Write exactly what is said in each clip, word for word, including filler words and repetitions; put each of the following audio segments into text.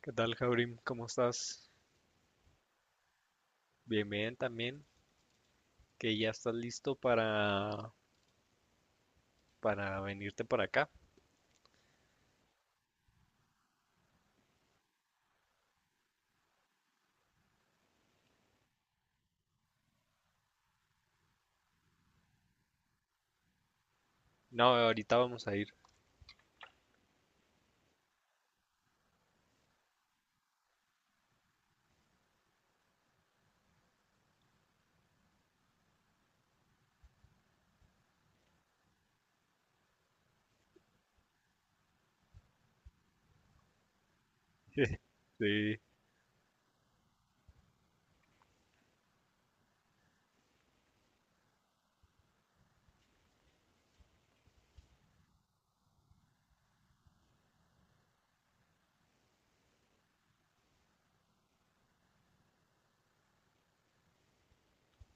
¿Qué tal, Jaurim? ¿Cómo estás? Bien, bien también, que ya estás listo para, para venirte para acá. No, ahorita vamos a ir. Sí,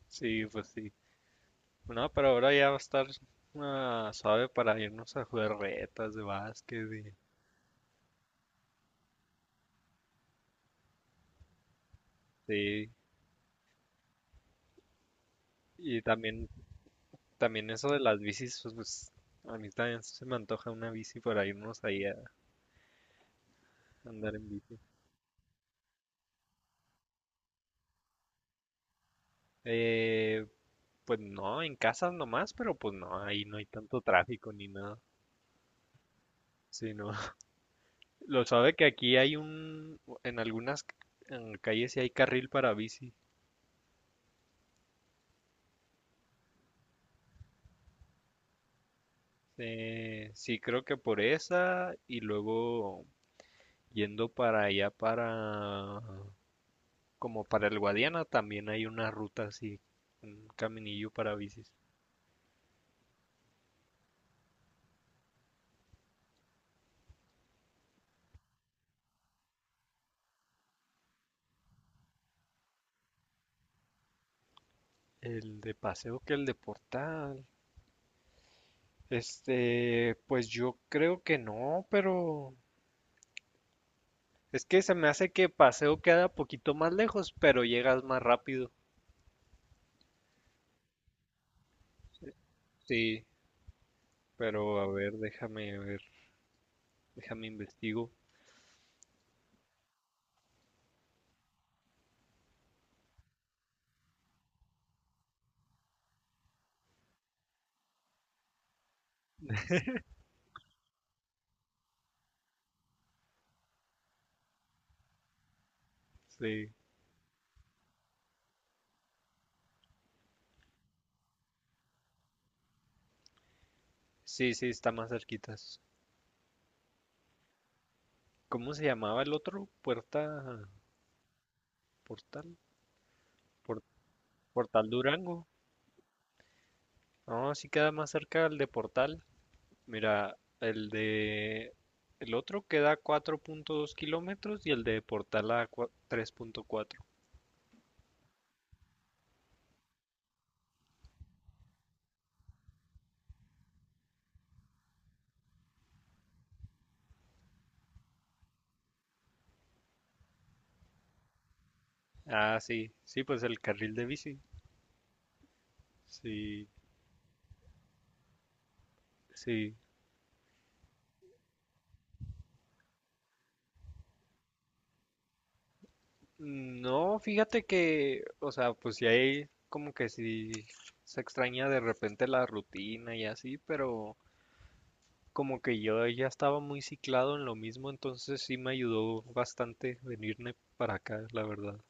sí, pues sí. No, pero ahora ya va a estar ah, suave para irnos a jugar retas de básquet y, sí. Y también, también eso de las bicis, pues, pues, a mí también se me antoja una bici para irnos ahí a andar en bici. Eh, pues no, en casa nomás, pero pues no, ahí no hay tanto tráfico ni nada. Sí, no. Lo sabe que aquí hay un, en algunas en calles sí hay carril para bici. Eh, sí, creo que por esa y luego yendo para allá para, como para el Guadiana también hay una ruta así, un caminillo para bicis. El de paseo que el de Portal. Este, pues yo creo que no, pero es que se me hace que paseo queda poquito más lejos, pero llegas más rápido. Sí, pero a ver, déjame ver. Déjame investigo. Sí, sí, sí, está más cerquitas. ¿Cómo se llamaba el otro? Puerta, Portal, Por- Portal Durango. No, sí queda más cerca el de Portal. Mira, el de el otro queda a cuatro punto dos kilómetros y el de Portal a cua- tres punto cuatro. Ah, sí, sí, pues el carril de bici. Sí, sí. No, fíjate que, o sea, pues sí hay como que sí se extraña de repente la rutina y así, pero como que yo ya estaba muy ciclado en lo mismo, entonces sí me ayudó bastante venirme para acá, la verdad.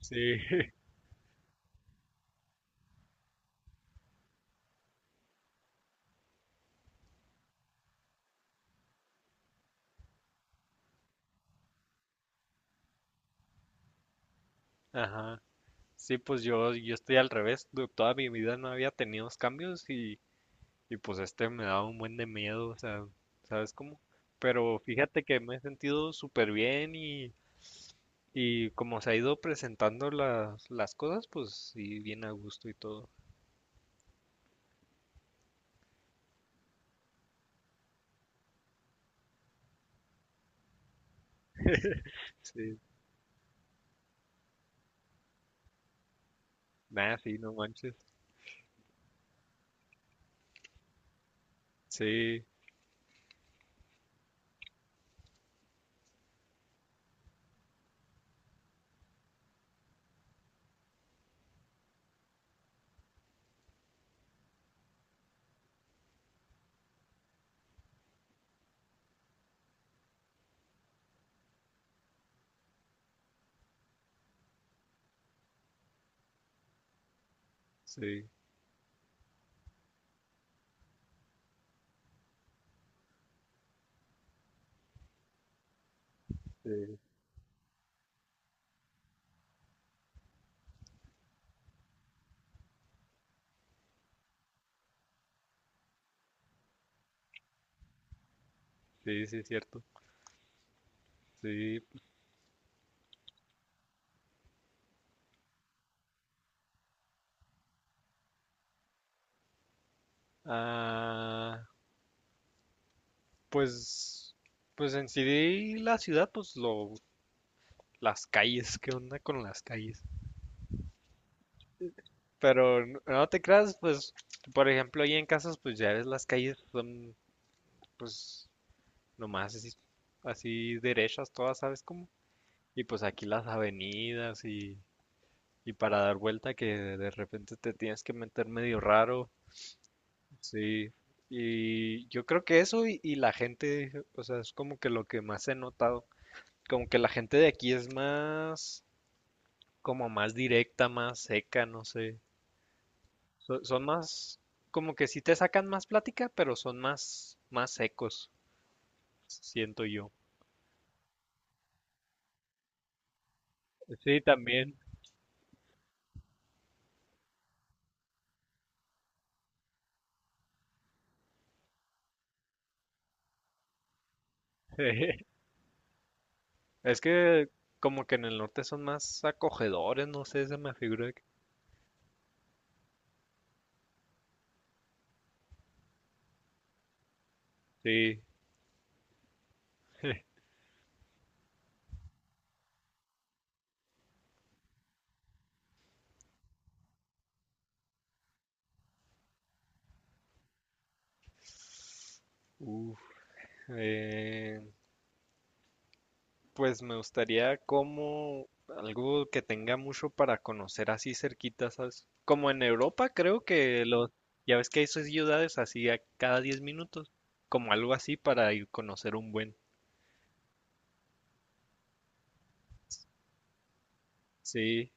Sí. Ajá. Sí, pues yo, yo estoy al revés, du- toda mi vida no había tenido cambios y, y pues este me daba un buen de miedo, o sea, ¿sabes cómo? Pero fíjate que me he sentido súper bien y Y como se ha ido presentando las, las cosas, pues sí, bien a gusto y todo. Sí, nada, sí, no manches. Sí, sí, sí, sí, sí, es cierto. Sí. Ah, pues, pues en sí la ciudad, pues lo, las calles, ¿qué onda con las calles? Pero n- no te creas, pues, por ejemplo, ahí en casas, pues ya ves las calles son, pues, nomás así, así derechas todas, ¿sabes cómo? Y pues aquí las avenidas y Y para dar vuelta que de repente te tienes que meter medio raro. Sí. Y yo creo que eso y, y la gente, o sea, es como que lo que más he notado. Como que la gente de aquí es más, como más directa, más seca, no sé. So- son más, como que sí te sacan más plática, pero son más, más secos, siento yo. Sí, también. Es que como que en el norte son más acogedores, no sé, se me figura que... Sí. Uf. Eh, pues me gustaría como algo que tenga mucho para conocer así cerquita, ¿sabes? Como en Europa, creo que los, ya ves que hay sus ciudades así a cada diez minutos, como algo así para ir conocer un buen. Sí,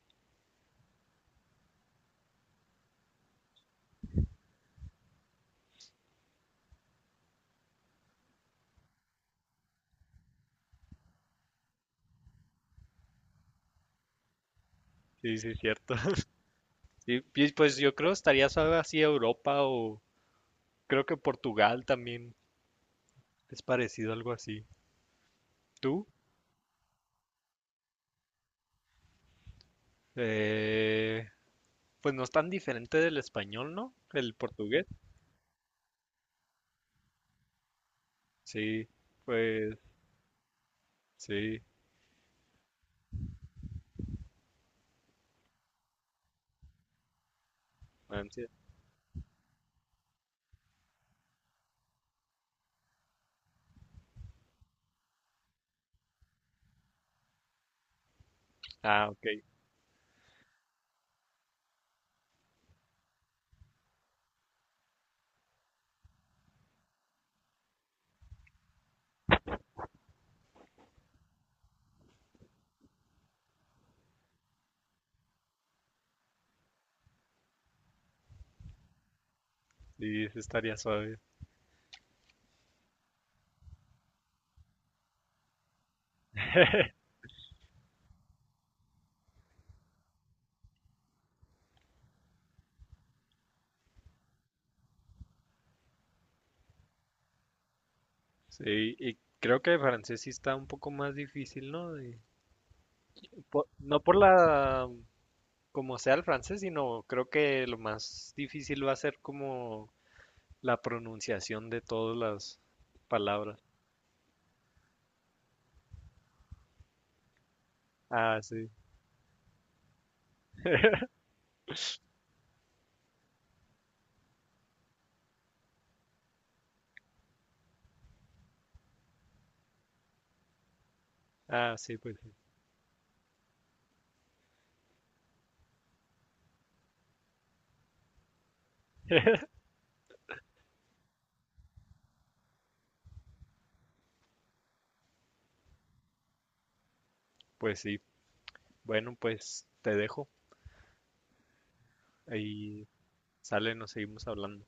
sí, sí, cierto. Sí, y pues yo creo estaría suave así Europa o creo que Portugal también es parecido a algo así. ¿Tú? Eh, pues no es tan diferente del español, ¿no? El portugués. Sí, pues sí, Francia. Ah, ok. Sí, ese estaría suave. Sí, y creo que francés sí está un poco más difícil, ¿no? De- po- no por la, como sea el francés, sino creo que lo más difícil va a ser como la pronunciación de todas las palabras. Ah, sí. Ah, sí, pues sí. Pues sí. Bueno, pues te dejo. Ahí sale, nos seguimos hablando.